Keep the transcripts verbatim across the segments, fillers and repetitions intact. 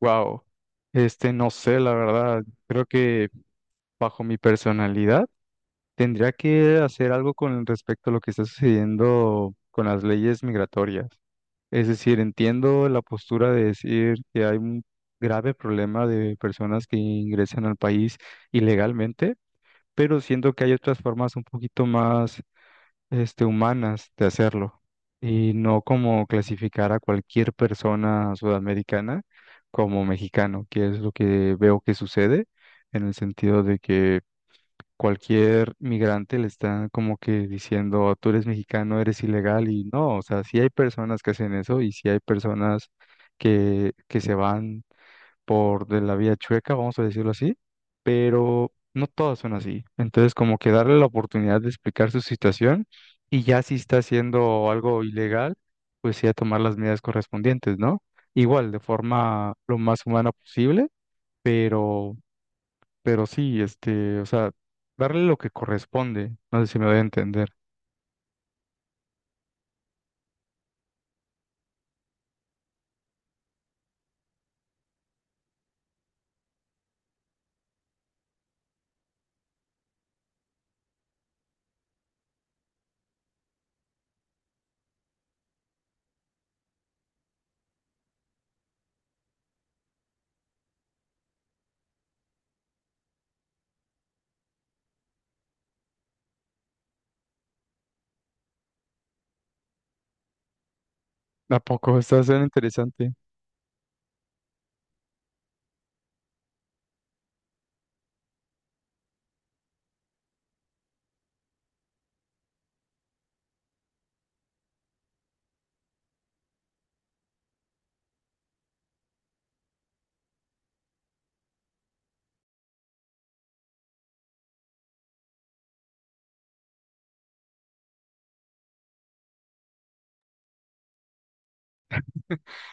Wow, este no sé, la verdad, creo que bajo mi personalidad tendría que hacer algo con respecto a lo que está sucediendo con las leyes migratorias. Es decir, entiendo la postura de decir que hay un grave problema de personas que ingresan al país ilegalmente, pero siento que hay otras formas un poquito más este, humanas de hacerlo y no como clasificar a cualquier persona sudamericana como mexicano, que es lo que veo que sucede en el sentido de que cualquier migrante le está como que diciendo, tú eres mexicano, eres ilegal y no, o sea, sí hay personas que hacen eso y sí hay personas que, que se van por de la vía chueca, vamos a decirlo así, pero no todas son así. Entonces, como que darle la oportunidad de explicar su situación y ya si está haciendo algo ilegal, pues sí a tomar las medidas correspondientes, ¿no? Igual, de forma lo más humana posible, pero, pero sí, este, o sea, darle lo que corresponde. No sé si me voy a entender. ¿A poco? Está suena interesante.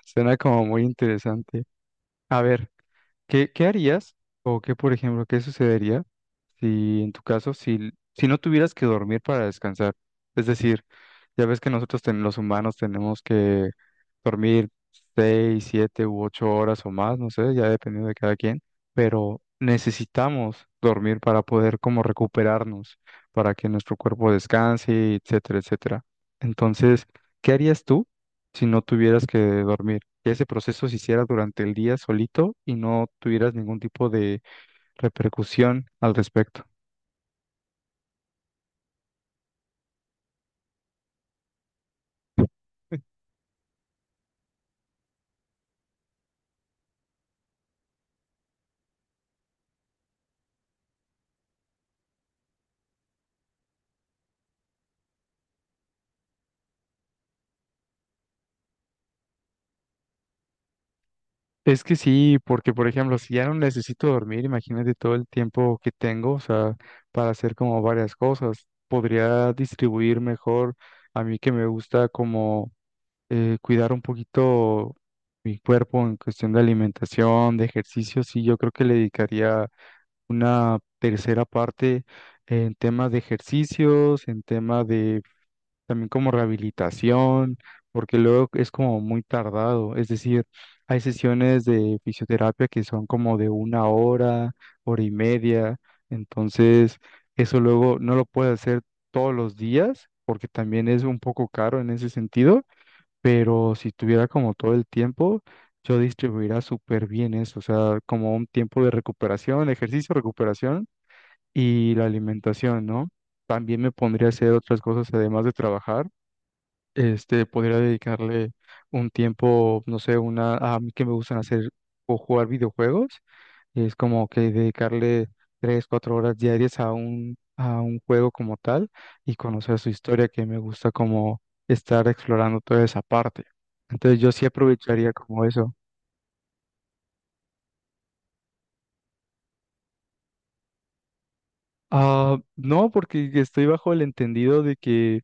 Suena como muy interesante. A ver. ¿Qué, qué harías o qué, por ejemplo, qué sucedería si en tu caso, si, si no tuvieras que dormir para descansar? Es decir, ya ves que nosotros ten- los humanos tenemos que dormir seis, siete u ocho horas o más, no sé, ya dependiendo de cada quien, pero necesitamos dormir para poder como recuperarnos, para que nuestro cuerpo descanse, etcétera, etcétera. Entonces, ¿qué harías tú si no tuvieras que dormir? Que ese proceso se hiciera durante el día solito y no tuvieras ningún tipo de repercusión al respecto. Es que sí, porque por ejemplo, si ya no necesito dormir, imagínate todo el tiempo que tengo, o sea, para hacer como varias cosas, podría distribuir mejor, a mí que me gusta como eh, cuidar un poquito mi cuerpo en cuestión de alimentación, de ejercicio. Sí, yo creo que le dedicaría una tercera parte en temas de ejercicios, en tema de también como rehabilitación, porque luego es como muy tardado, es decir, hay sesiones de fisioterapia que son como de una hora, hora y media, entonces eso luego no lo puedes hacer todos los días, porque también es un poco caro en ese sentido, pero si tuviera como todo el tiempo, yo distribuiría súper bien eso, o sea, como un tiempo de recuperación, ejercicio, recuperación y la alimentación, ¿no? También me pondría a hacer otras cosas además de trabajar. este, podría dedicarle un tiempo, no sé, una, a mí que me gustan hacer o jugar videojuegos, es como que dedicarle tres, cuatro horas diarias a un, a un juego como tal y conocer su historia, que me gusta como estar explorando toda esa parte. Entonces yo sí aprovecharía como eso. Ah, no, porque estoy bajo el entendido de que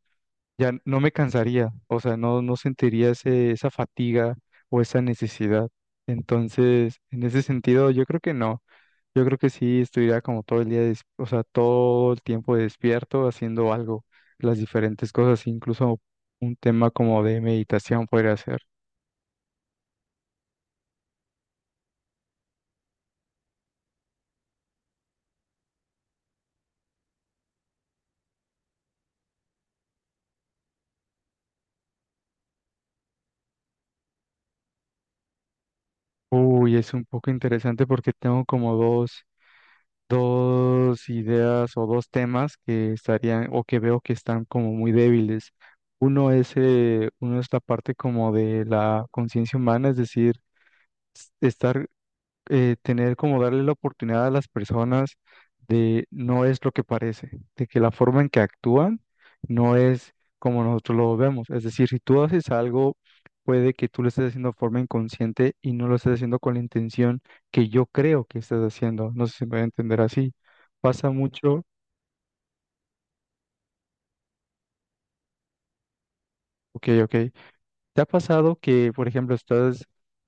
ya no me cansaría, o sea, no, no sentiría ese, esa fatiga o esa necesidad. Entonces, en ese sentido, yo creo que no. Yo creo que sí estuviera como todo el día, des- o sea, todo el tiempo despierto haciendo algo, las diferentes cosas, incluso un tema como de meditación podría ser. Uy, es un poco interesante porque tengo como dos dos ideas o dos temas que estarían o que veo que están como muy débiles. Uno es, eh, uno es la parte como de la conciencia humana, es decir, s- estar, eh, tener como darle la oportunidad a las personas de no es lo que parece, de que la forma en que actúan no es como nosotros lo vemos. Es decir, si tú haces algo, puede que tú lo estés haciendo de forma inconsciente y no lo estés haciendo con la intención que yo creo que estás haciendo. No sé si me voy a entender así. Pasa mucho. Ok, ok. ¿Te ha pasado que, por ejemplo, estás,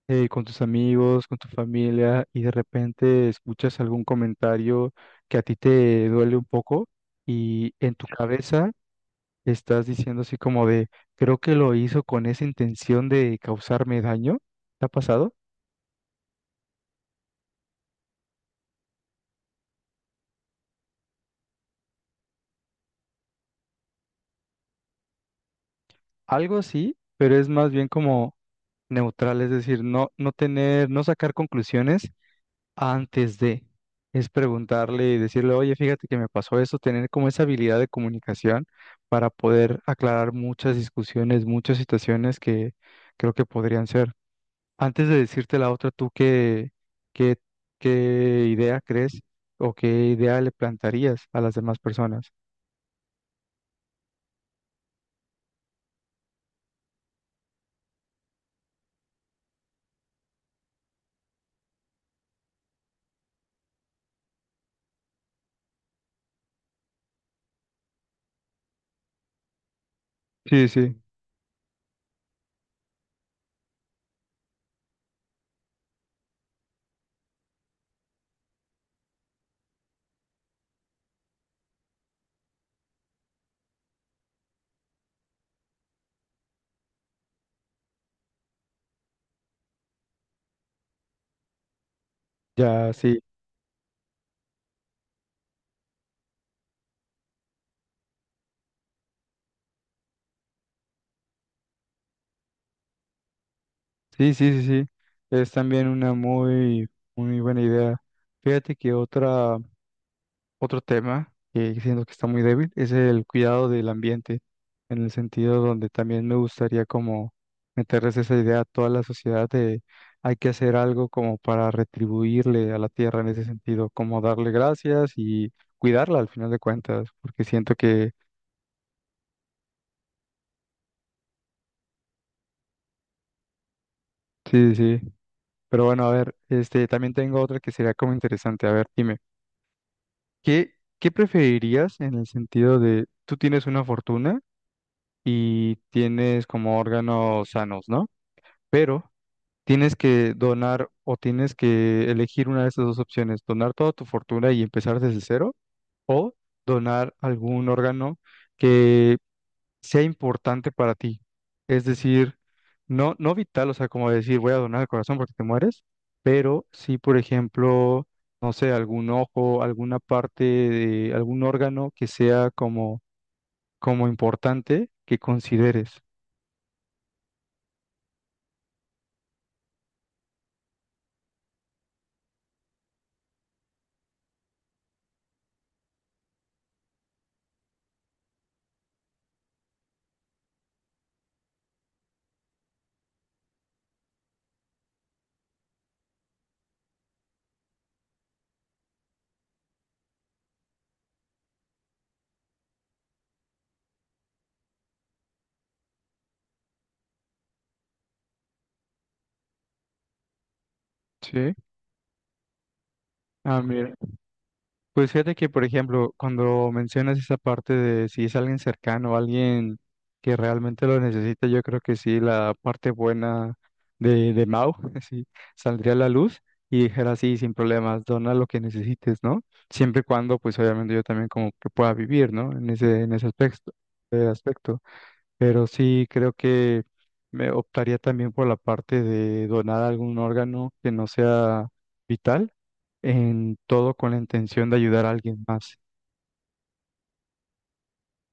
eh, con tus amigos, con tu familia y de repente escuchas algún comentario que a ti te duele un poco y en tu cabeza estás diciendo así como de, creo que lo hizo con esa intención de causarme daño? ¿Te ha pasado? Algo así, pero es más bien como neutral, es decir, no, no tener, no sacar conclusiones antes de, es preguntarle y decirle, oye, fíjate que me pasó eso, tener como esa habilidad de comunicación para poder aclarar muchas discusiones, muchas situaciones que creo que podrían ser. Antes de decirte la otra, ¿tú qué, qué, qué idea crees o qué idea le plantarías a las demás personas? Sí, sí, ya, sí, sí, sí, sí, sí, es también una muy, muy buena idea. Fíjate que otra. Otro tema que siento que está muy débil es el cuidado del ambiente, en el sentido donde también me gustaría como meterles esa idea a toda la sociedad de hay que hacer algo como para retribuirle a la tierra en ese sentido, como darle gracias y cuidarla al final de cuentas, porque siento que sí, sí, sí. Pero bueno, a ver, este también tengo otra que sería como interesante. A ver, dime, ¿qué, qué preferirías en el sentido de tú tienes una fortuna y tienes como órganos sanos, ¿no? Pero tienes que donar o tienes que elegir una de esas dos opciones: donar toda tu fortuna y empezar desde cero, o donar algún órgano que sea importante para ti. Es decir, no, no vital, o sea, como decir voy a donar el corazón porque te mueres, pero sí, por ejemplo, no sé, algún ojo, alguna parte de algún órgano que sea como, como importante que consideres. Sí. Ah, mira. Pues fíjate que, por ejemplo, cuando mencionas esa parte de si es alguien cercano, alguien que realmente lo necesita, yo creo que sí, la parte buena de, de Mau sí, saldría a la luz y dijera, sí, sin problemas, dona lo que necesites, ¿no? Siempre y cuando, pues obviamente yo también como que pueda vivir, ¿no? En ese, en ese aspecto, eh, aspecto. Pero sí creo que me optaría también por la parte de donar algún órgano que no sea vital, en todo con la intención de ayudar a alguien más.